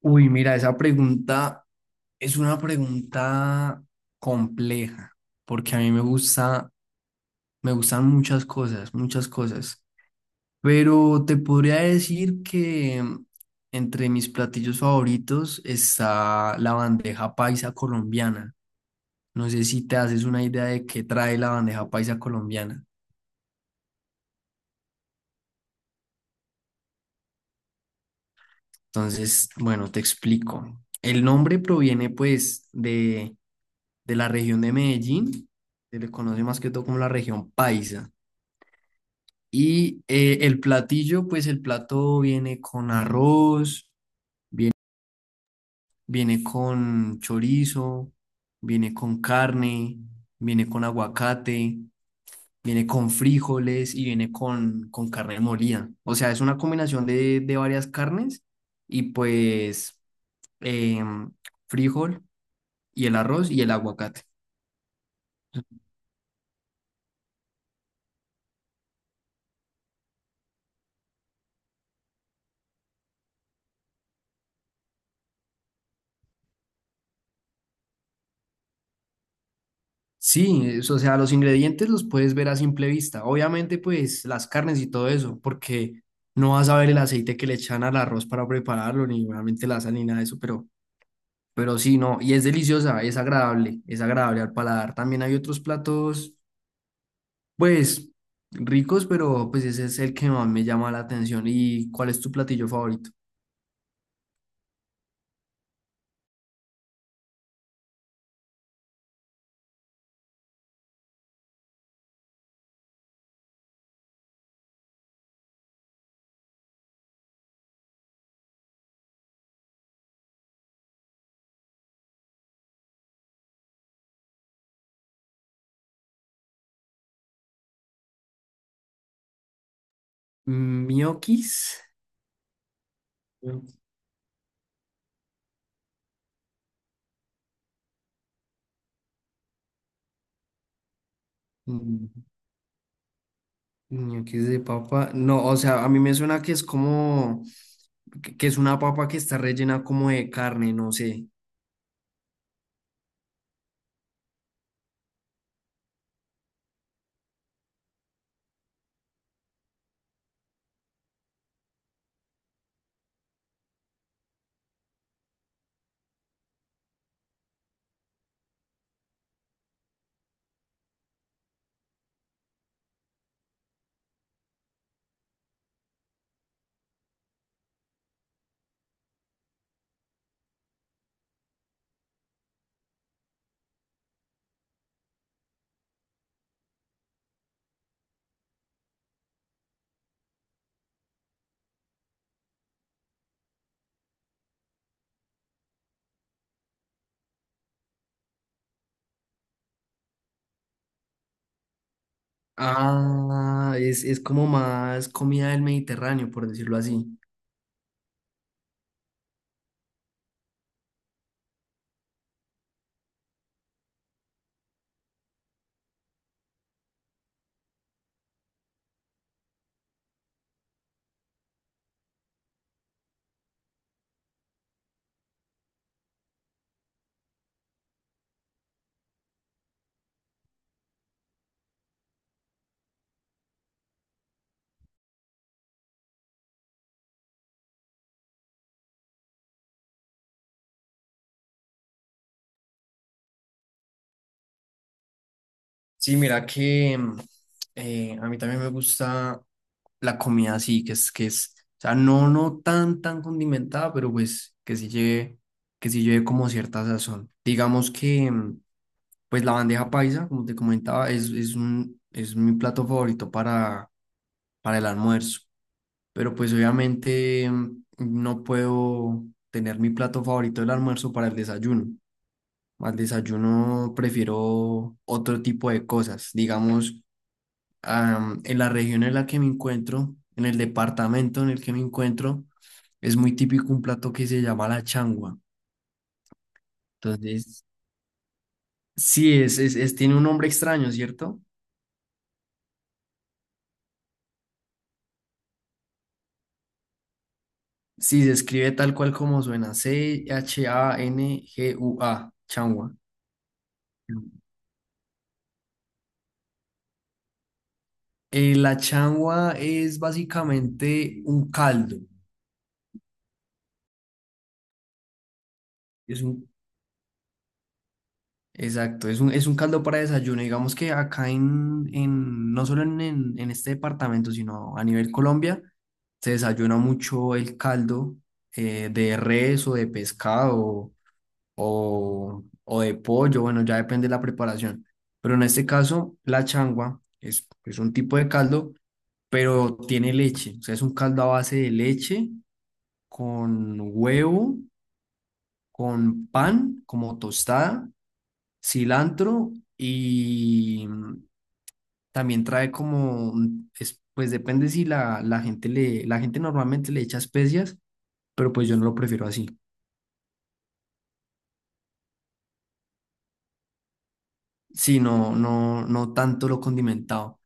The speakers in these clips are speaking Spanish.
Uy, mira, esa pregunta es una pregunta compleja, porque a mí me gusta, me gustan muchas cosas, muchas cosas. Pero te podría decir que entre mis platillos favoritos está la bandeja paisa colombiana. No sé si te haces una idea de qué trae la bandeja paisa colombiana. Entonces, bueno, te explico. El nombre proviene de la región de Medellín, se le conoce más que todo como la región paisa. Y el platillo, pues el plato viene con arroz, viene con chorizo, viene con carne, viene con aguacate, viene con frijoles y viene con carne molida. O sea, es una combinación de varias carnes y pues em, frijol y el arroz y el aguacate. Sí, o sea, los ingredientes los puedes ver a simple vista. Obviamente, pues las carnes y todo eso, porque no vas a ver el aceite que le echan al arroz para prepararlo, ni obviamente la sal ni nada de eso, pero sí, no, y es deliciosa, es agradable al paladar. También hay otros platos, pues ricos, pero pues ese es el que más me llama la atención. ¿Y cuál es tu platillo favorito? Mm, ñoquis. Ñoquis. Ñoquis de papa. No, o sea, a mí me suena que es como, que es una papa que está rellena como de carne, no sé. Ah, es como más comida del Mediterráneo, por decirlo así. Sí, mira que a mí también me gusta la comida así, que es, o sea, no, tan condimentada, pero pues que sí lleve como cierta sazón. Digamos que, pues la bandeja paisa, como te comentaba, es mi plato favorito para el almuerzo. Pero pues obviamente no puedo tener mi plato favorito del almuerzo para el desayuno. Al desayuno prefiero otro tipo de cosas. Digamos, en la región en la que me encuentro, en el departamento en el que me encuentro, es muy típico un plato que se llama la changua. Entonces, sí, tiene un nombre extraño, ¿cierto? Sí, se escribe tal cual como suena, CHANGUA, changua. La changua es básicamente un caldo. Es un, exacto, es un caldo para desayuno. Digamos que acá en no solo en este departamento, sino a nivel Colombia, se desayuna mucho el caldo de res o de pescado o de pollo. Bueno, ya depende de la preparación. Pero en este caso, la changua es un tipo de caldo, pero tiene leche. O sea, es un caldo a base de leche con huevo, con pan como tostada, cilantro y también trae pues depende si la gente le, la gente normalmente le echa especias, pero pues yo no lo prefiero así, si no, no tanto lo condimentado.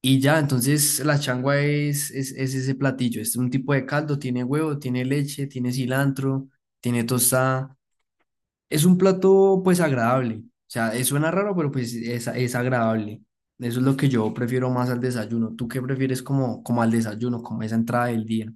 Y ya, entonces la changua es ese platillo, es un tipo de caldo, tiene huevo, tiene leche, tiene cilantro, tiene tostada. Es un plato pues agradable. O sea, suena raro, pero pues es agradable. Eso es lo que yo prefiero más al desayuno. ¿Tú qué prefieres como al desayuno, como esa entrada del día?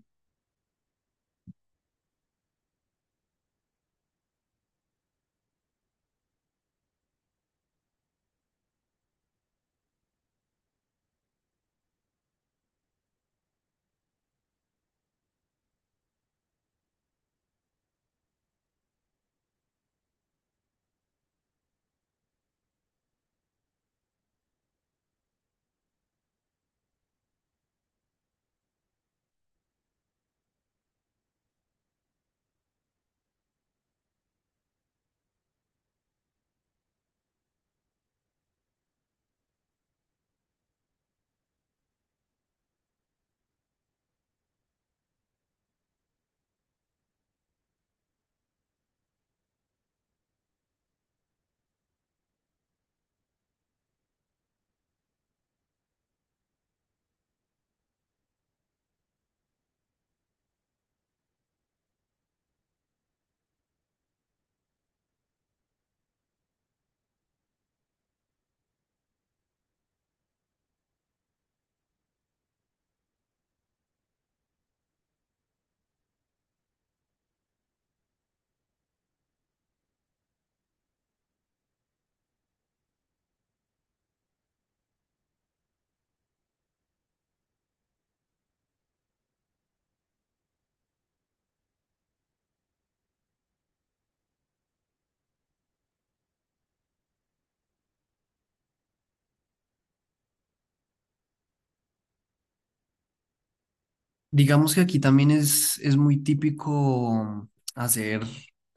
Digamos que aquí también es muy típico hacer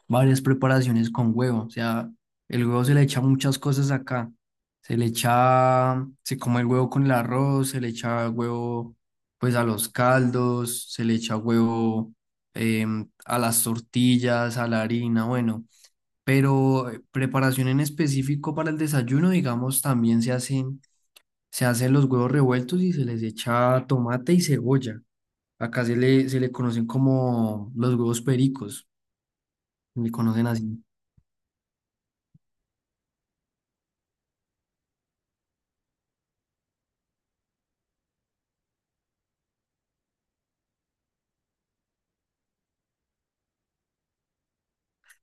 varias preparaciones con huevo. O sea, el huevo se le echa muchas cosas acá. Se le echa, se come el huevo con el arroz, se le echa huevo pues a los caldos, se le echa huevo a las tortillas, a la harina, bueno. Pero preparación en específico para el desayuno, digamos, también se hacen los huevos revueltos y se les echa tomate y cebolla. Acá se le conocen como los huevos pericos, le conocen así.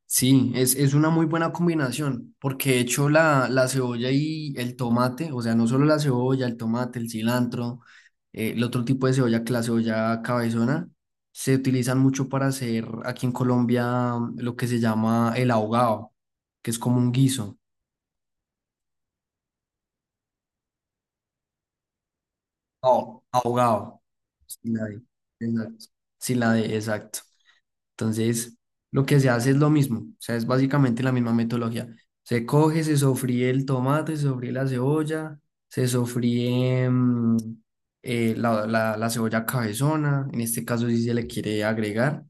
Sí, es una muy buena combinación, porque de hecho la cebolla y el tomate, o sea, no solo la cebolla, el tomate, el cilantro, el otro tipo de cebolla que la cebolla cabezona, se utilizan mucho para hacer aquí en Colombia lo que se llama el ahogado, que es como un guiso. Oh, ahogado. Sí, la de, exacto. Sí, la de, exacto. Entonces, lo que se hace es lo mismo, o sea, es básicamente la misma metodología. Se coge, se sofríe el tomate, se sofríe la cebolla, se sofríe la cebolla cabezona, en este caso si se le quiere agregar,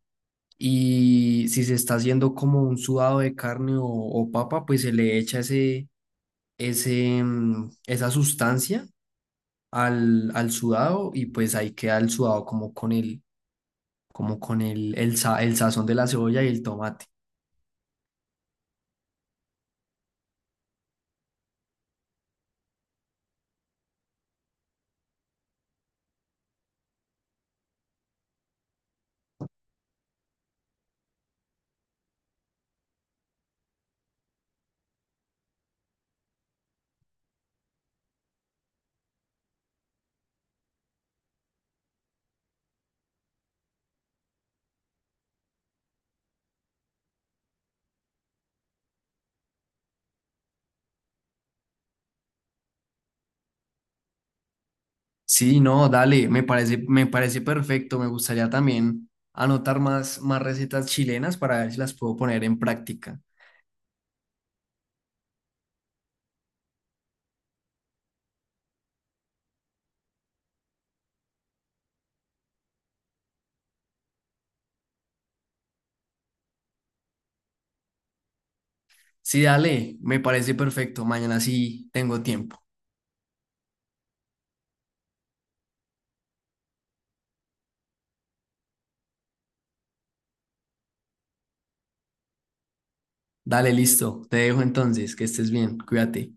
y si se está haciendo como un sudado de carne o papa, pues se le echa ese, esa sustancia al sudado y pues ahí queda el sudado como con el sazón de la cebolla y el tomate. Sí, no, dale, me parece perfecto. Me gustaría también anotar más recetas chilenas para ver si las puedo poner en práctica. Sí, dale, me parece perfecto. Mañana sí tengo tiempo. Dale, listo. Te dejo entonces, que estés bien, cuídate.